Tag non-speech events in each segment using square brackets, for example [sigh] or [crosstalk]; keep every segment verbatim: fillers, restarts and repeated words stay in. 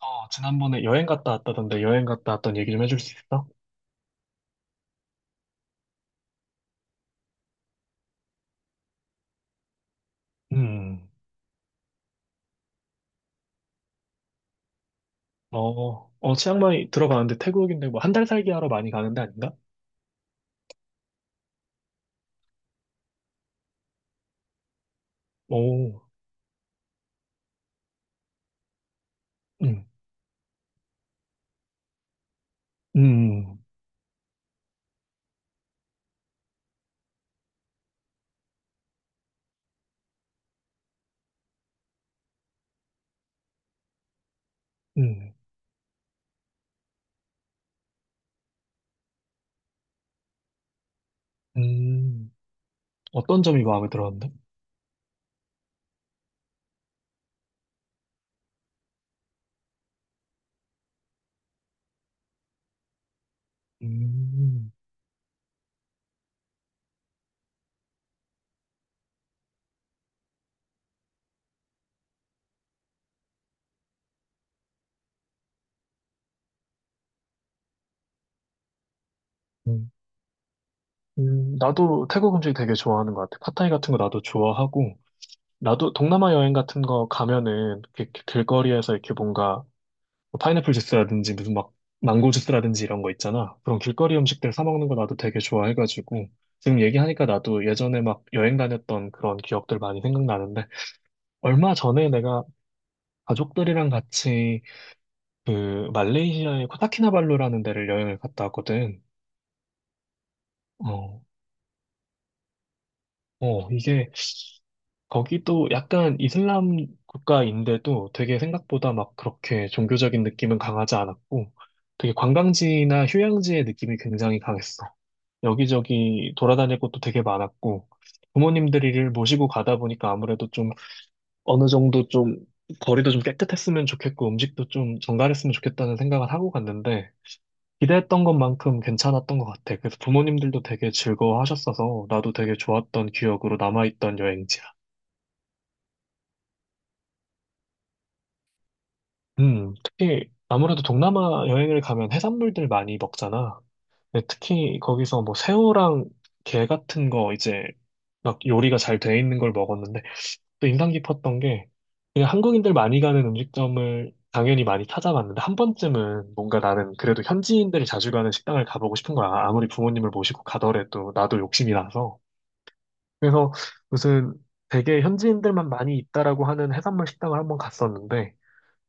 어, 지난번에 여행 갔다 왔다던데 여행 갔다 왔던 얘기 좀 해줄 수 있어? 음. 어, 어, 치앙마이 들어가는데 태국인데 뭐 한 달 살기 하러 많이 가는데 아닌가? 오. 음. 음. 음. 음. 어떤 점이 마음에 들었는데? 음. 음. 음, 나도 태국 음식 되게 좋아하는 것 같아. 팟타이 같은 거 나도 좋아하고, 나도 동남아 여행 같은 거 가면은 이렇게 길거리에서 이렇게 뭔가 뭐 파인애플 주스라든지 무슨 막 망고 주스라든지 이런 거 있잖아. 그런 길거리 음식들 사 먹는 거 나도 되게 좋아해가지고 지금 얘기하니까 나도 예전에 막 여행 다녔던 그런 기억들 많이 생각나는데 얼마 전에 내가 가족들이랑 같이 그 말레이시아의 코타키나발루라는 데를 여행을 갔다 왔거든. 어. 어, 이게 거기도 약간 이슬람 국가인데도 되게 생각보다 막 그렇게 종교적인 느낌은 강하지 않았고 되게 관광지나 휴양지의 느낌이 굉장히 강했어. 여기저기 돌아다닐 곳도 되게 많았고, 부모님들이를 모시고 가다 보니까 아무래도 좀 어느 정도 좀 거리도 좀 깨끗했으면 좋겠고, 음식도 좀 정갈했으면 좋겠다는 생각을 하고 갔는데, 기대했던 것만큼 괜찮았던 것 같아. 그래서 부모님들도 되게 즐거워하셨어서, 나도 되게 좋았던 기억으로 남아있던 여행지야. 음, 특히 아무래도 동남아 여행을 가면 해산물들 많이 먹잖아. 근데 특히 거기서 뭐 새우랑 게 같은 거 이제 막 요리가 잘 돼 있는 걸 먹었는데, 또 인상 깊었던 게 그냥 한국인들 많이 가는 음식점을 당연히 많이 찾아봤는데 한 번쯤은 뭔가 나는 그래도 현지인들이 자주 가는 식당을 가보고 싶은 거야. 아무리 부모님을 모시고 가더라도 나도 욕심이 나서. 그래서 무슨 되게 현지인들만 많이 있다라고 하는 해산물 식당을 한번 갔었는데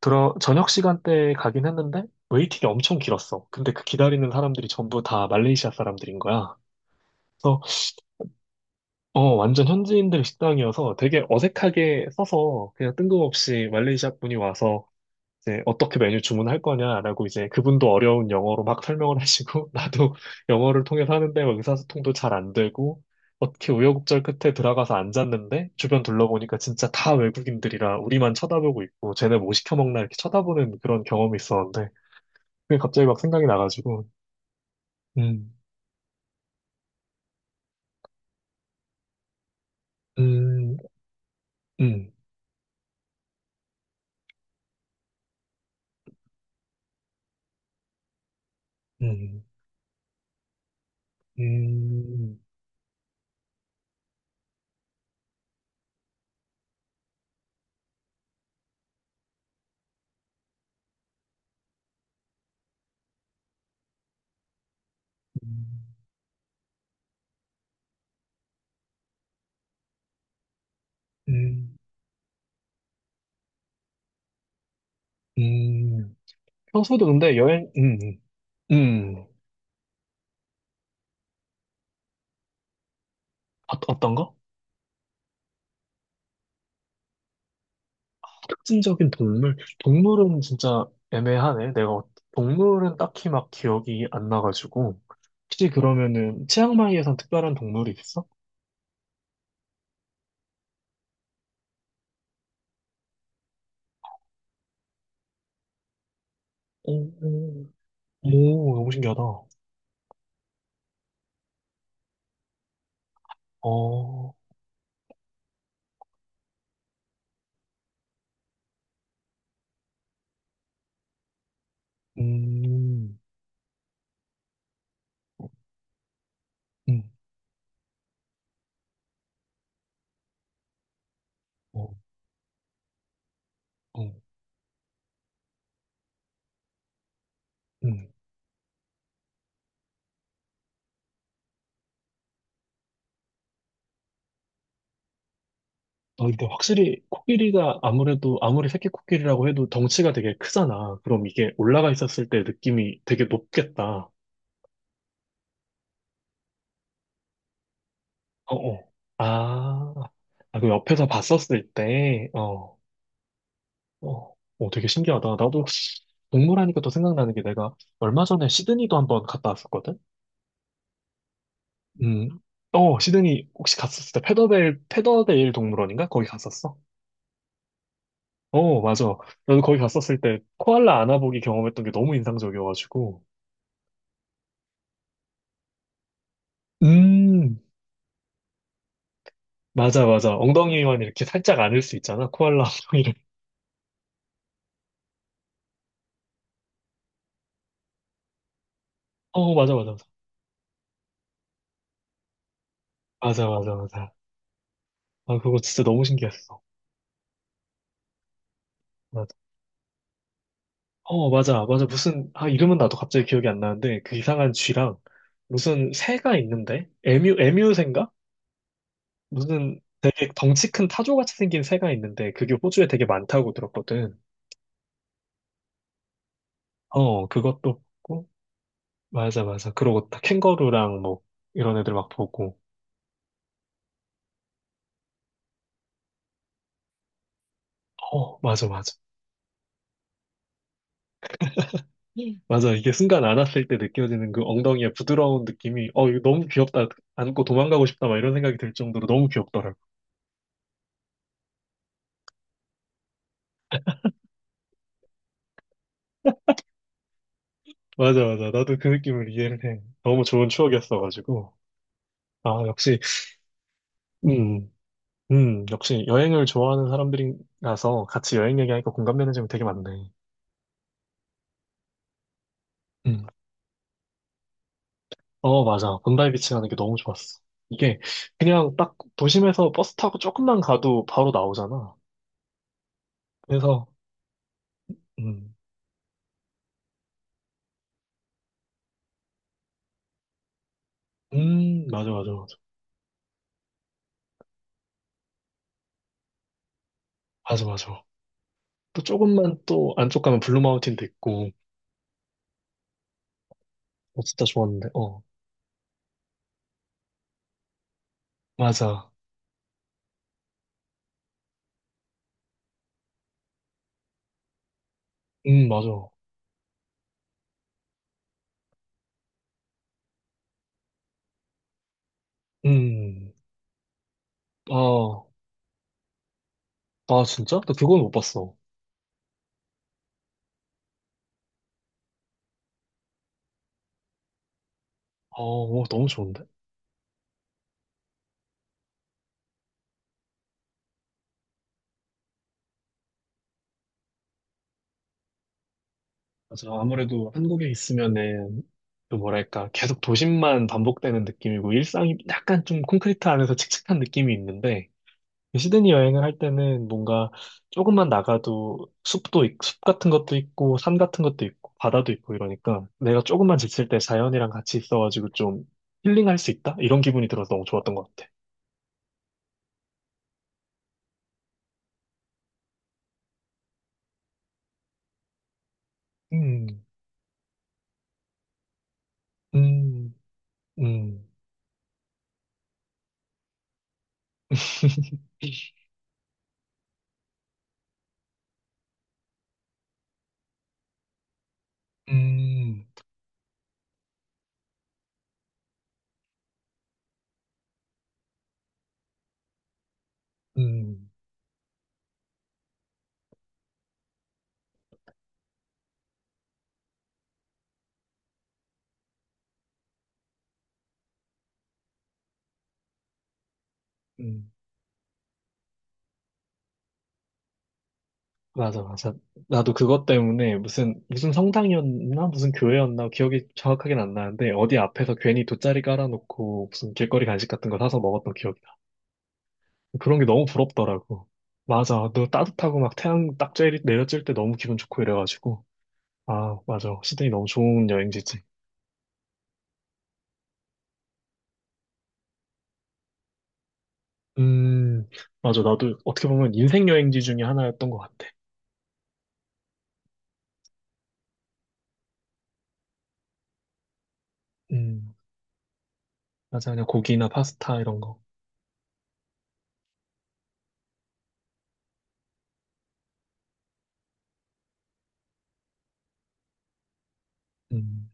들어 저녁 시간대에 가긴 했는데 웨이팅이 엄청 길었어. 근데 그 기다리는 사람들이 전부 다 말레이시아 사람들인 거야. 그래서 어, 완전 현지인들 식당이어서 되게 어색하게 써서 그냥 뜬금없이 말레이시아 분이 와서 이제 어떻게 메뉴 주문할 거냐라고 이제 그분도 어려운 영어로 막 설명을 하시고 [laughs] 나도 영어를 통해서 하는데 뭐 의사소통도 잘 안 되고 어떻게 우여곡절 끝에 들어가서 앉았는데 주변 둘러보니까 진짜 다 외국인들이라 우리만 쳐다보고 있고 쟤네 뭐 시켜 먹나 이렇게 쳐다보는 그런 경험이 있었는데 그게 갑자기 막 생각이 나가지고 음. 음. 음. 음. 음. 음. 음. 음, 평소에도 근데 여행, 음, 음, 음. 어, 어떤 거? 특징적인 동물? 동물은 진짜 애매하네. 내가, 어- 동물은 딱히 막 기억이 안 나가지고. 혹시 그러면은, 치앙마이에선 특별한 동물이 있어? 오. 오. 오, 너무 신기하다. 어. 음. 음. 어. 어. 음. 아, 근데 확실히 코끼리가 아무래도 아무리 새끼 코끼리라고 해도 덩치가 되게 크잖아. 그럼 이게 올라가 있었을 때 느낌이 되게 높겠다. 어어. 아. 아, 그 옆에서 봤었을 때, 어. 어. 어, 되게 신기하다. 나도 동물 하니까 또 생각나는 게 내가 얼마 전에 시드니도 한번 갔다 왔었거든? 음. 어, 시드니 혹시 갔었을 때 페더데일, 페더데일 동물원인가? 거기 갔었어? 어, 맞아. 나도 거기 갔었을 때 코알라 안아보기 경험했던 게 너무 인상적이어가지고. 음. 맞아, 맞아. 엉덩이만 이렇게 살짝 안을 수 있잖아. 코알라 엉덩이를. [laughs] 어, 맞아, 맞아, 맞아. 맞아, 맞아, 맞아. 아, 그거 진짜 너무 신기했어. 어, 맞아, 맞아. 무슨, 아, 이름은 나도 갑자기 기억이 안 나는데, 그 이상한 쥐랑, 무슨 새가 있는데? 에뮤, 에뮤새인가? 무슨 되게 덩치 큰 타조같이 생긴 새가 있는데, 그게 호주에 되게 많다고 들었거든. 어, 그것도 보고, 맞아, 맞아. 그러고 다 캥거루랑 뭐, 이런 애들 막 보고, 어, 맞아, 맞아. 예. 맞아. 이게 순간 안았을 때 느껴지는 그 엉덩이의 부드러운 느낌이, 어, 이거 너무 귀엽다. 안고 도망가고 싶다. 막 이런 생각이 들 정도로 너무 귀엽더라고. 맞아, 맞아. 나도 그 느낌을 이해를 해. 너무 좋은 추억이었어가지고. 아, 역시. 음. 음, 역시 여행을 좋아하는 사람들이라서 같이 여행 얘기하니까 공감되는 점이 되게 많네. 음. 어, 맞아. 본다이 비치 가는 게 너무 좋았어. 이게 그냥 딱 도심에서 버스 타고 조금만 가도 바로 나오잖아. 그래서. 음. 음. 맞아, 맞아, 맞아. 맞아, 맞아. 또 조금만 또 안쪽 가면 블루 마운틴도 있고, 어, 진짜 좋았는데, 어. 맞아. 음. 맞아. 음. 아. 아, 진짜? 나 그건 못 봤어. 아, 오, 너무 좋은데? 맞아. 아무래도 한국에 있으면은, 그 뭐랄까, 계속 도심만 반복되는 느낌이고, 일상이 약간 좀 콘크리트 안에서 칙칙한 느낌이 있는데, 그 시드니 여행을 할 때는 뭔가 조금만 나가도 숲도, 있- 숲 같은 것도 있고, 산 같은 것도 있고, 바다도 있고 이러니까, 내가 조금만 지칠 때 자연이랑 같이 있어가지고 좀 힐링할 수 있다? 이런 기분이 들어서 너무 좋았던 것 같아. 음. 음. 음. [laughs] 음. 음. 음, 맞아, 맞아. 나도 그것 때문에 무슨, 무슨 성당이었나? 무슨 교회였나? 기억이 정확하긴 안 나는데, 어디 앞에서 괜히 돗자리 깔아놓고 무슨 길거리 간식 같은 거 사서 먹었던 기억이 나. 그런 게 너무 부럽더라고. 맞아. 너 따뜻하고 막 태양 딱 쬐- 내려질 때 너무 기분 좋고 이래가지고. 아, 맞아. 시드니 너무 좋은 여행지지. 음. 맞아. 나도 어떻게 보면 인생 여행지 중에 하나였던 것 같아. 음. 맞아. 그냥 고기나 파스타 이런 거. 음.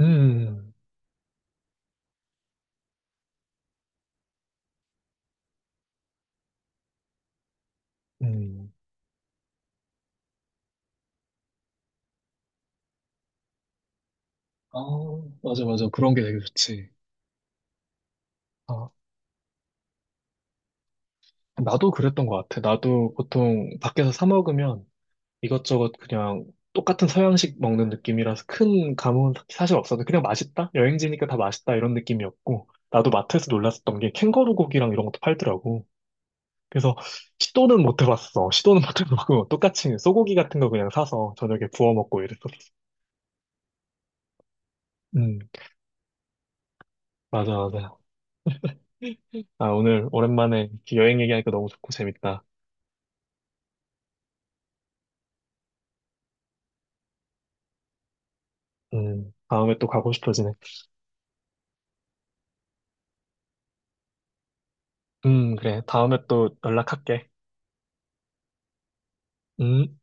음. 음. 아, 맞아, 맞아. 그런 게 되게 좋지. 아, 나도 그랬던 것 같아. 나도 보통 밖에서 사 먹으면 이것저것 그냥 똑같은 서양식 먹는 느낌이라서 큰 감흥은 사실 없어도 그냥 맛있다? 여행지니까 다 맛있다 이런 느낌이었고, 나도 마트에서 놀랐었던 게 캥거루 고기랑 이런 것도 팔더라고. 그래서 시도는 못 해봤어. 시도는 못 해보고 [laughs] 똑같이 소고기 같은 거 그냥 사서 저녁에 구워 먹고 이랬었어. 음. 맞아, 맞아. 아, 오늘 오랜만에 이렇게 여행 얘기하니까 너무 좋고 재밌다. 음, 다음에 또 가고 싶어지네. 음, 그래. 다음에 또 연락할게. 음.